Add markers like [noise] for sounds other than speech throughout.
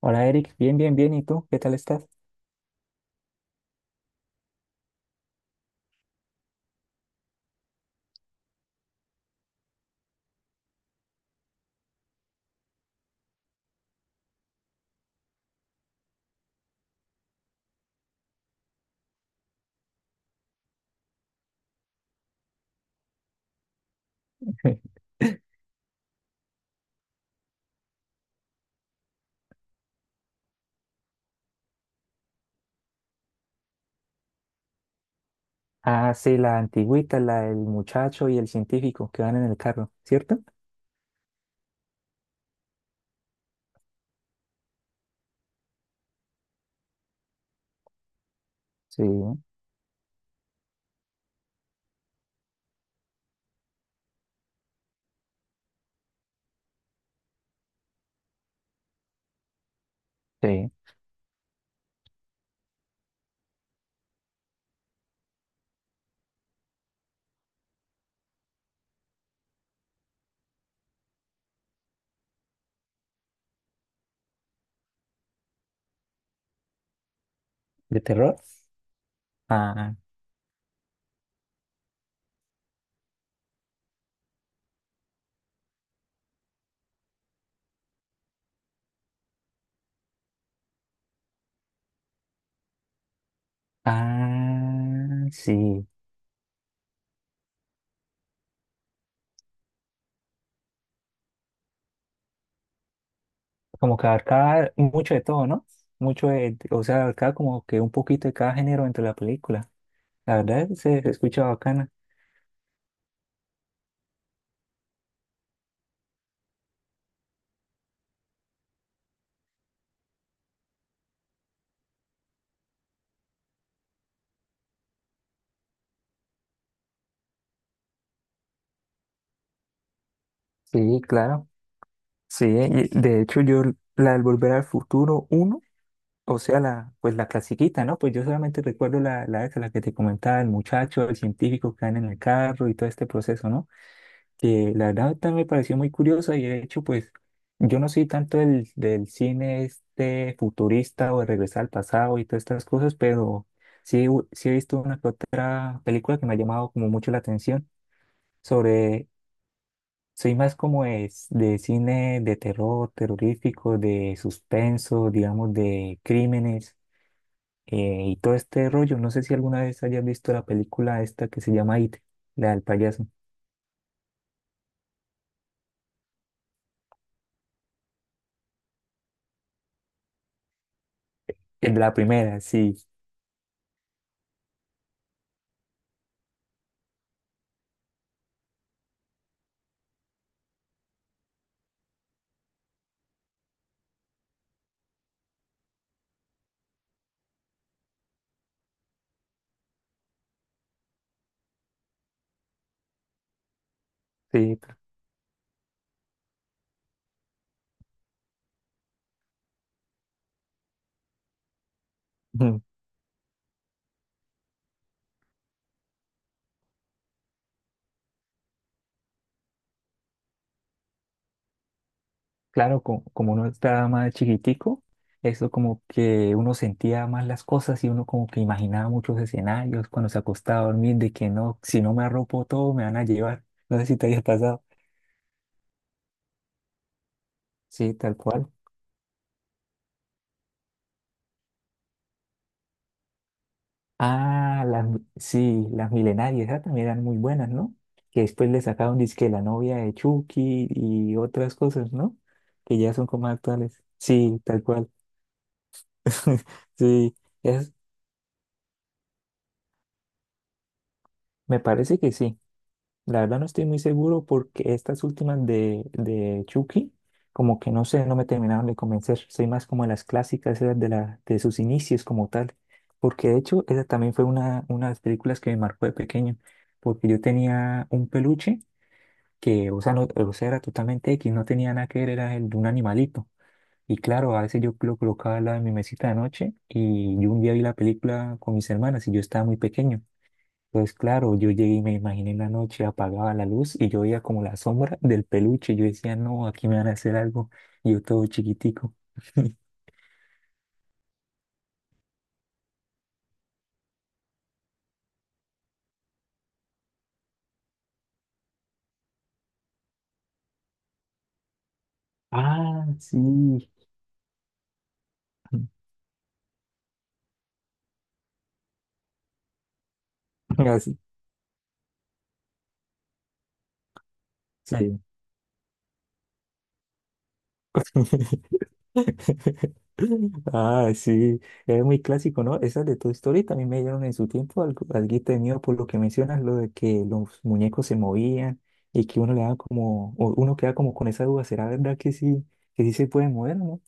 Hola Eric, bien, bien, bien. ¿Y tú? ¿Qué tal estás? [laughs] Ah, sí, la antigüita, la del muchacho y el científico que van en el carro, ¿cierto? Sí, sí. ¿De terror? Ah, ah, sí. Como que abarcaba mucho de todo, ¿no? Mucho de, o sea, abarcaba como que un poquito de cada género dentro de la película. La verdad se escucha bacana. Sí, claro. Sí, y de hecho yo la del Volver al Futuro 1. O sea, la, pues la clasiquita, ¿no? Pues yo solamente recuerdo la, esa, la que te comentaba, el muchacho, el científico que anda en el carro y todo este proceso, ¿no? Que la verdad también me pareció muy curiosa y de hecho, pues yo no soy tanto del cine este futurista o de regresar al pasado y todas estas cosas, pero sí, he visto una que otra película que me ha llamado como mucho la atención sobre, soy más como es de cine de terror, terrorífico, de suspenso, digamos, de crímenes y todo este rollo. No sé si alguna vez hayas visto la película esta que se llama It, la del payaso. La primera, sí, sí. Ujú. Claro, como, uno estaba más chiquitico, eso como que uno sentía más las cosas y uno como que imaginaba muchos escenarios cuando se acostaba a dormir de que no, si no me arropo todo me van a llevar. No sé si te haya pasado. Sí, tal cual. Ah, las, sí, las milenarias, esas también eran muy buenas, ¿no? Que después le sacaron disque la novia de Chucky y otras cosas, ¿no? Que ya son como actuales. Sí, tal cual. [laughs] Sí, es, me parece que sí. La verdad no estoy muy seguro porque estas últimas de Chucky, como que no sé, no me terminaron de convencer. Soy más como las clásicas, esas de, la, de sus inicios como tal. Porque de hecho, esa también fue una de las películas que me marcó de pequeño. Porque yo tenía un peluche que, o sea, no, o sea, era totalmente X, no tenía nada que ver, era el de un animalito. Y claro, a veces yo lo colocaba al lado de mi mesita de noche y yo un día vi la película con mis hermanas y yo estaba muy pequeño. Pues claro, yo llegué y me imaginé en la noche, apagaba la luz y yo veía como la sombra del peluche. Yo decía, no, aquí me van a hacer algo. Y yo todo chiquitico. [laughs] Ah, sí. [laughs] Así, sí. [laughs] [laughs] Ah, sí, es muy clásico, ¿no? Esas de Toy Story también me dieron en su tiempo algo, alguito de miedo por lo que mencionas, lo de que los muñecos se movían y que uno le da como, o uno queda como con esa duda, ¿será verdad que sí se pueden mover, ¿no?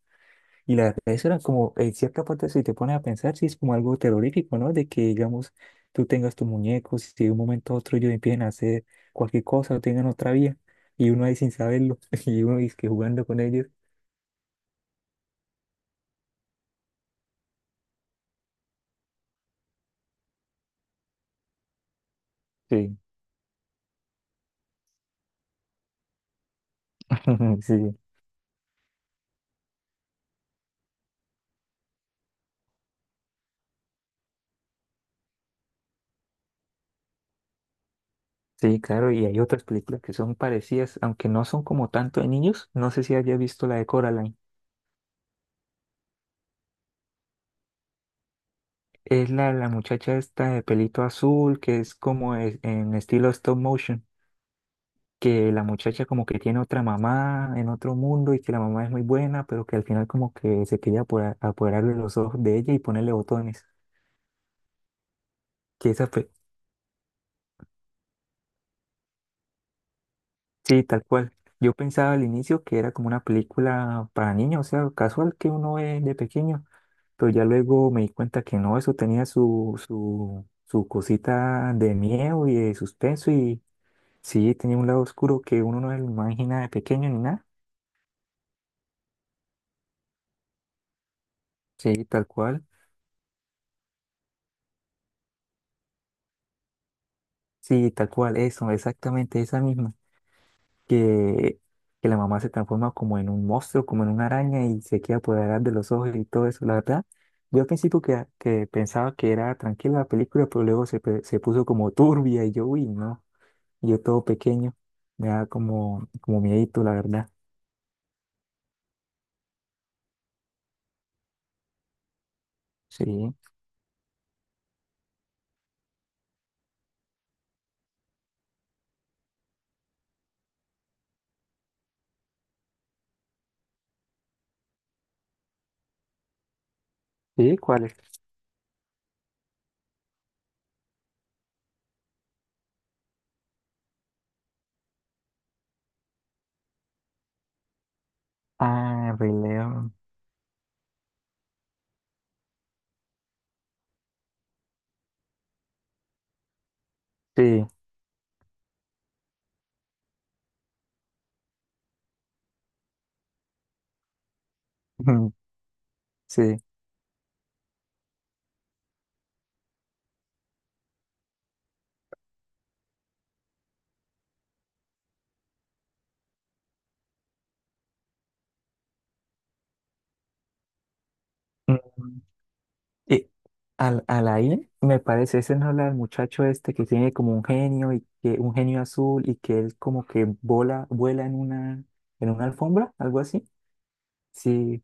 Y la verdad, eso era como, en cierta parte, si te pones a pensar, sí es como algo terrorífico, ¿no? De que, digamos, tú tengas tus muñecos y de un momento a otro ellos empiecen a hacer cualquier cosa o tengan otra vía y uno ahí sin saberlo [laughs] y uno es que jugando con ellos. Sí, [laughs] sí. Sí, claro, y hay otras películas que son parecidas, aunque no son como tanto de niños. No sé si había visto la de Coraline. Es la muchacha esta de pelito azul, que es en estilo stop motion, que la muchacha como que tiene otra mamá en otro mundo y que la mamá es muy buena, pero que al final como que se quería apoderar de los ojos de ella y ponerle botones. Que esa sí, tal cual. Yo pensaba al inicio que era como una película para niños, o sea, casual que uno ve de pequeño. Pero ya luego me di cuenta que no, eso tenía su cosita de miedo y de suspenso y sí, tenía un lado oscuro que uno no se lo imagina de pequeño ni nada. Sí, tal cual. Sí, tal cual, eso, exactamente esa misma. Que, que la mamá se transforma como en un monstruo, como en una araña y se queda apoderada de los ojos y todo eso, la verdad. Yo al principio que pensaba que era tranquila la película, pero luego se, se puso como turbia y yo, uy, no. Y yo todo pequeño, me da como, como miedito, la verdad. Sí, sí, ¿cuál es? Ah, Rey León. Sí, [laughs] sí. Mm, y al, Alain, me parece, ese no habla del muchacho este que tiene como un genio y que un genio azul y que él como que vuela en una alfombra, algo así. Sí,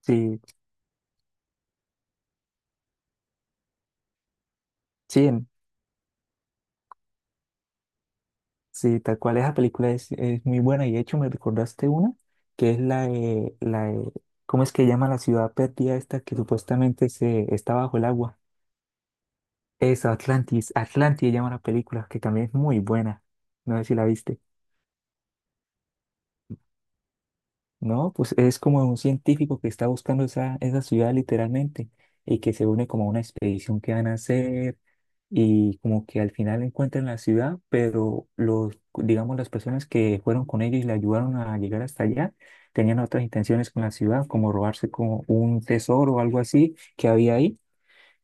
sí, sí. Sí, tal cual, esa película es muy buena y de hecho me recordaste una que es la ¿cómo es que llama la ciudad perdida esta que supuestamente se, está bajo el agua? Esa, Atlantis, Atlantis llama la película, que también es muy buena. No sé si la viste. No, pues es como un científico que está buscando esa ciudad literalmente y que se une como a una expedición que van a hacer y como que al final encuentran la ciudad, pero los, digamos, las personas que fueron con ellos y le ayudaron a llegar hasta allá tenían otras intenciones con la ciudad, como robarse como un tesoro o algo así que había ahí.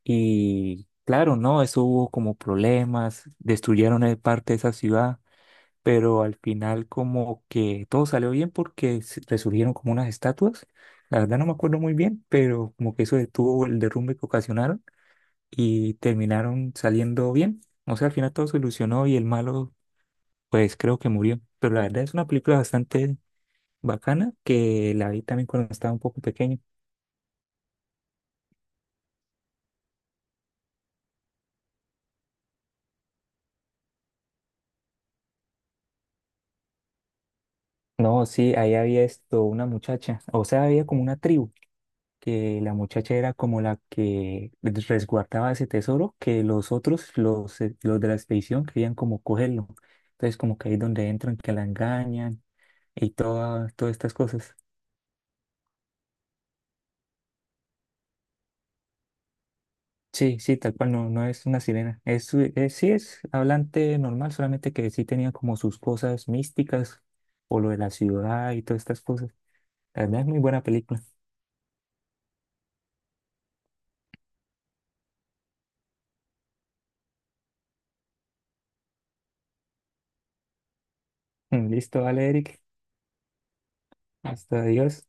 Y claro, no, eso hubo como problemas, destruyeron parte de esa ciudad, pero al final como que todo salió bien porque resurgieron como unas estatuas. La verdad no me acuerdo muy bien, pero como que eso detuvo el derrumbe que ocasionaron y terminaron saliendo bien. O sea, al final todo se solucionó y el malo pues creo que murió. Pero la verdad es una película bastante bacana que la vi también cuando estaba un poco pequeño. No, sí, ahí había esto, una muchacha, o sea, había como una tribu que la muchacha era como la que resguardaba ese tesoro, que los otros, los de la expedición, querían como cogerlo. Entonces, como que ahí es donde entran, que la engañan y toda, todas estas cosas. Sí, sí, tal cual, no, no es una sirena. Es, sí es hablante normal, solamente que sí tenía como sus cosas místicas o lo de la ciudad y todas estas cosas. La verdad es muy buena película. [laughs] Listo, vale, Eric. Hasta adiós.